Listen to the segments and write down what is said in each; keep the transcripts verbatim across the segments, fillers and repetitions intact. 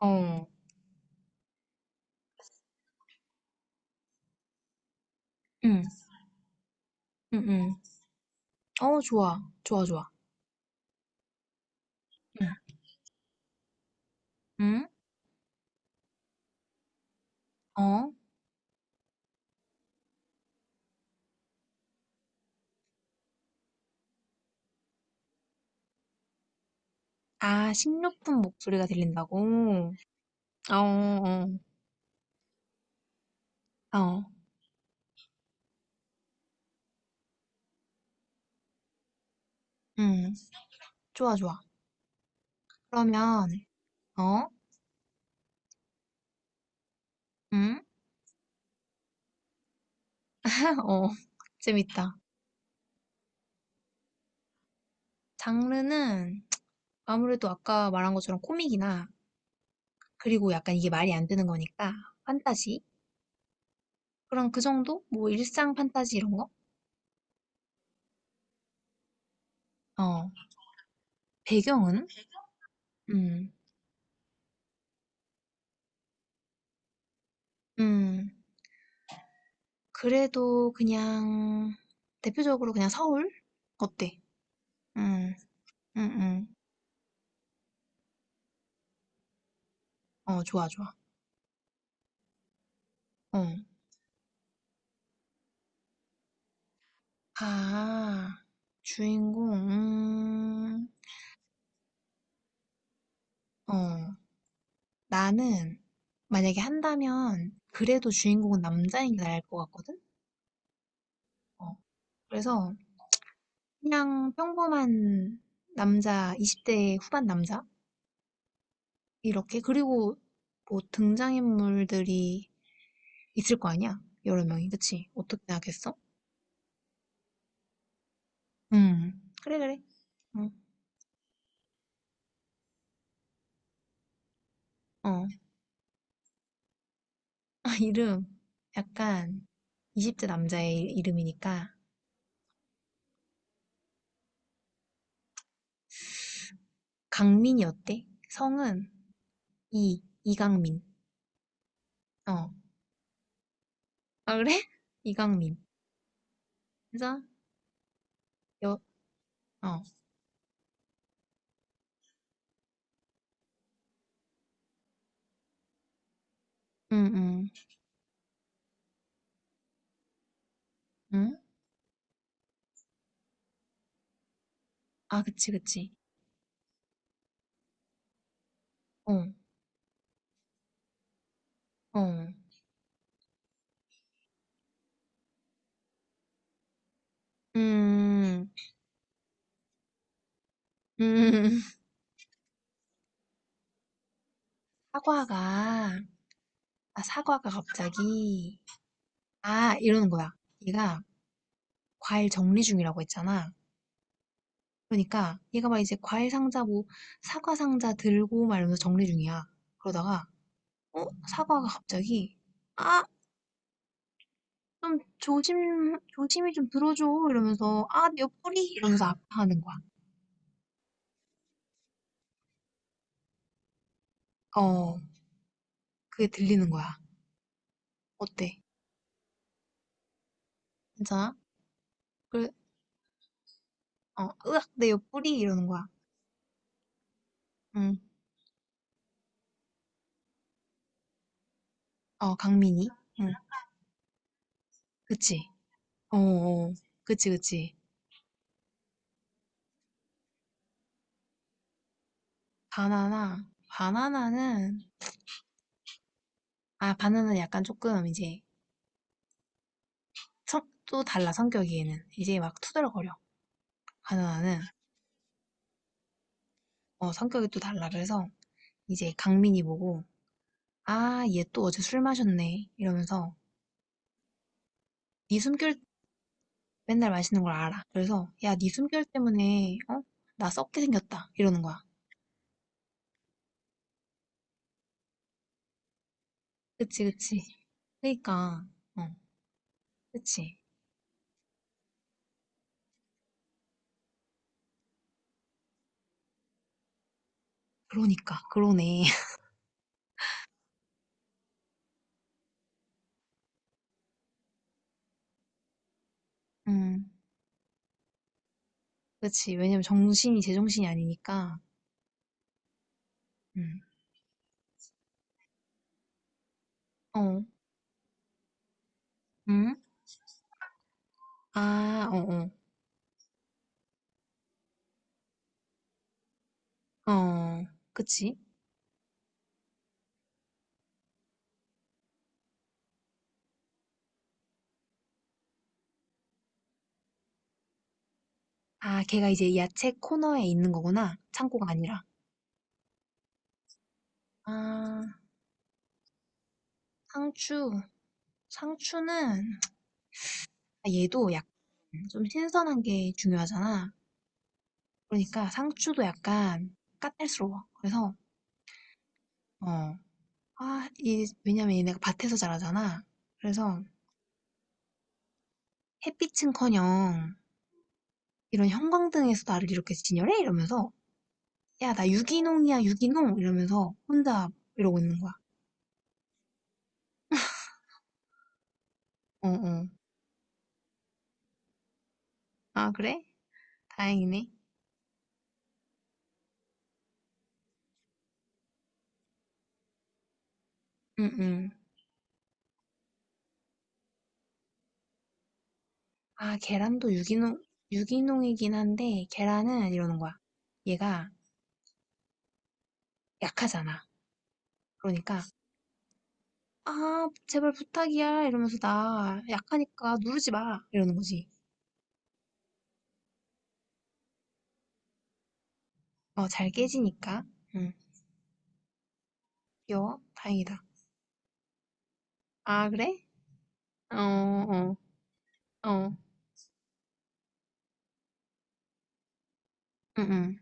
어. 응. 응응. 어 좋아. 좋아, 좋아. 응. 응? 어? 아, 식료분 목소리가 들린다고? 어, 어. 어. 응. 좋아, 좋아. 그러면 어? 응? 어. 재밌다. 장르는 아무래도 아까 말한 것처럼 코믹이나 그리고 약간 이게 말이 안 되는 거니까 판타지? 그럼 그 정도? 뭐 일상 판타지 이런 거? 어. 배경은? 음. 음. 그래도 그냥 대표적으로 그냥 서울? 어때? 응, 응, 응. 어, 좋아, 좋아. 어. 아, 주인공, 음, 어. 나는 만약에 한다면 그래도 주인공은 남자인 게 나을 것 같거든? 어. 그래서 그냥 평범한 남자, 이십 대 후반 남자? 이렇게. 그리고 뭐 등장인물들이 있을 거 아니야? 여러 명이. 그치? 어떻게 하겠어? 응. 그래, 그래. 어, 어. 이름. 약간 이십 대 남자의 이- 이름이니까. 강민이 어때? 성은 이, 이강민. 어. 아, 그래? 이강민. 그래서, 여, 어. 응, 응, 응? 아, 그치, 그치. 어, 어. 음, 음. 사과가, 아, 사과가 갑자기, 아, 이러는 거야. 얘가 과일 정리 중이라고 했잖아. 그러니까 얘가 막 이제 과일 상자 뭐 사과 상자 들고 막 이러면서 정리 중이야. 그러다가 어? 사과가 갑자기 아! 좀 조심 조심히 좀 들어줘 이러면서 아 내 옆구리 이러면서 아파하는 거야. 어 그게 들리는 거야. 어때? 괜찮아? 그래 어 으악 내 옆구리 이러는 거야. 응. 어 강민이. 응. 그치? 어 어. 그치 그치. 바나나 바나나는 아 바나나는 약간 조금 이제 성, 또 달라 성격이 얘는 이제 막 투덜거려 가누나는 어, 성격이 또 달라 그래서 이제 강민이 보고 아 얘 또 어제 술 마셨네 이러면서 네 숨결 맨날 마시는 걸 알아 그래서 야 네 숨결 때문에 어? 나 썩게 생겼다 이러는 거야 그치 그치 그니까 어 그치 그러니까 그러네 음 그치 왜냐면 정신이 제정신이 아니니까 음어음아어어 어, 어. 그치 아, 걔가 이제 야채 코너에 있는 거구나. 창고가 아니라. 아, 상추. 상추는, 아, 얘도 약간 좀 신선한 게 중요하잖아. 그러니까 상추도 약간 까탈스러워. 그래서, 어, 아, 이, 왜냐면 얘네가 밭에서 자라잖아. 그래서 햇빛은커녕 이런 형광등에서 나를 이렇게 진열해? 이러면서, 야, 나 유기농이야, 유기농! 이러면서 혼자 이러고 있는 거야. 어, 어. 아, 그래? 다행이네. 응, 응. 아, 계란도 유기농, 유기농이긴 한데, 계란은 이러는 거야. 얘가 약하잖아. 그러니까, 아, 제발 부탁이야. 이러면서 나 약하니까 누르지 마. 이러는 거지. 어, 잘 깨지니까. 응, 귀여워. 다행이다. 아, 그래? 어, 어, 어, 응, 응.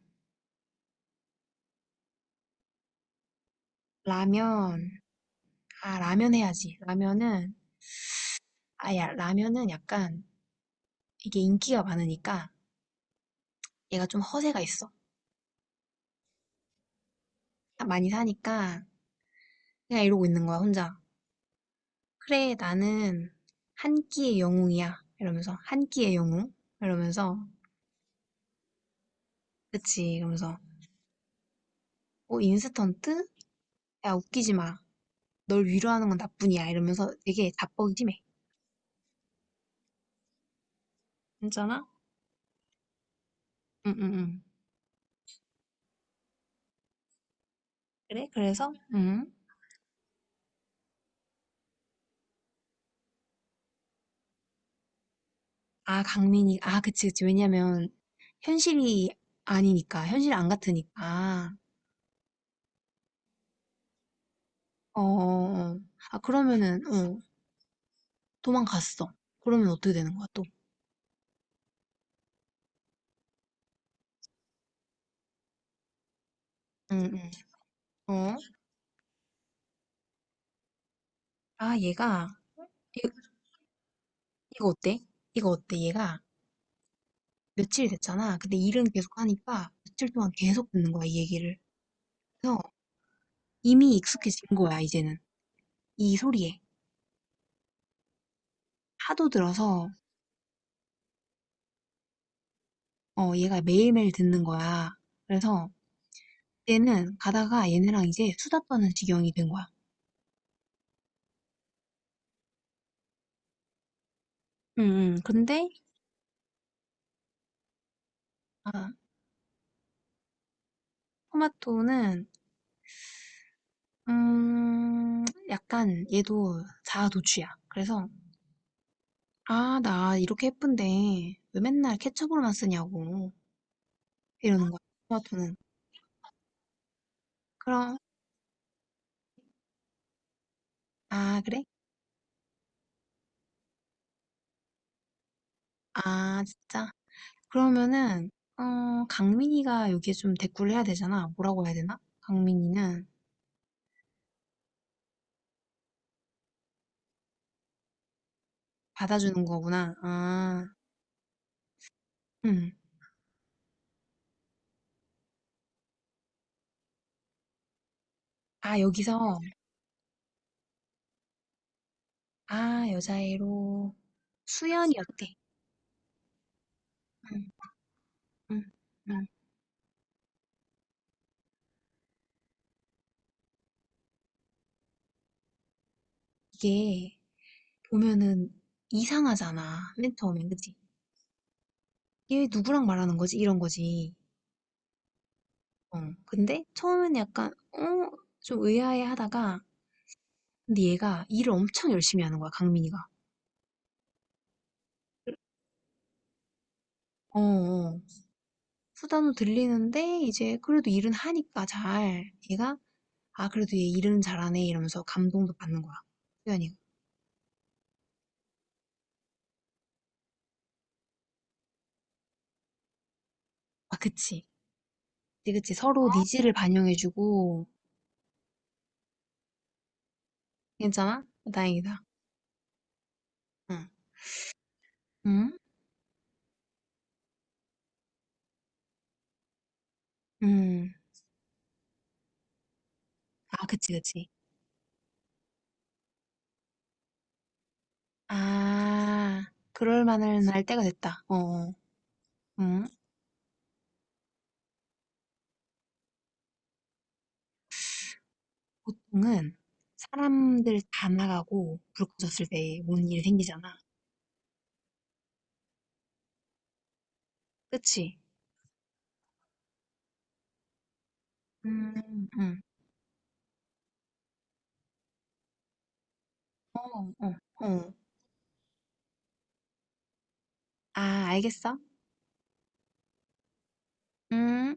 라면. 아, 라면 해야지. 라면은, 아, 야, 라면은 약간, 이게 인기가 많으니까, 얘가 좀 허세가 있어. 많이 사니까, 그냥 이러고 있는 거야, 혼자. 그래, 나는 한 끼의 영웅이야. 이러면서, 한 끼의 영웅? 이러면서, 그치, 이러면서, 어, 인스턴트? 야, 웃기지 마. 널 위로하는 건 나뿐이야. 이러면서 되게 자뻑이심해. 괜찮아? 응, 응, 응. 그래? 그래서? 응. 아, 강민이, 아, 그치, 그치. 왜냐면, 현실이 아니니까, 현실 안 같으니까. 어, 어, 어. 아, 그러면은, 어, 도망갔어. 그러면 어떻게 되는 거야, 또? 응, 응. 어? 아, 얘가, 이거 어때? 이거 어때? 얘가 며칠 됐잖아. 근데 일은 계속 하니까 며칠 동안 계속 듣는 거야, 이 얘기를. 그래서 이미 익숙해진 거야, 이제는. 이 소리에. 하도 들어서, 어, 얘가 매일매일 듣는 거야. 그래서 얘는 가다가 얘네랑 이제 수다 떠는 지경이 된 거야. 음, 음. 근데, 아, 토마토는, 음, 약간 얘도 자아도취야. 그래서, 아, 나 이렇게 예쁜데 왜 맨날 케첩으로만 쓰냐고. 이러는 거야, 토마토는. 그럼 아, 그래? 아, 진짜? 그러면은, 어, 강민이가 여기에 좀 대꾸를 해야 되잖아. 뭐라고 해야 되나? 강민이는 받아주는 거구나. 아, 응. 아, 여기서, 아, 여자애로, 수연이 어때? 응, 응, 응. 이게, 보면은, 이상하잖아. 맨 처음엔, 그치? 얘 누구랑 말하는 거지? 이런 거지. 어, 근데, 처음엔 약간, 어, 좀 의아해 하다가, 근데 얘가 일을 엄청 열심히 하는 거야, 강민이가. 어, 어. 수다도 들리는데 이제 그래도 일은 하니까 잘 얘가 '아 그래도 얘 일은 잘하네.' 이러면서 감동도 받는 거야. 수연이가. 아 그치. 그치, 그치. 서로 어? 니즈를 반영해 주고 괜찮아? 다행이다. 응. 응? 응. 아 그치, 그치. 아. 그럴 만한 할 때가 됐다. 어어. 음. 보통은 사람들 다 나가고 불 꺼졌을 때 오는 일이 생기잖아. 그치? 음. 음. 어. 어. 어. 아 알겠어. 음.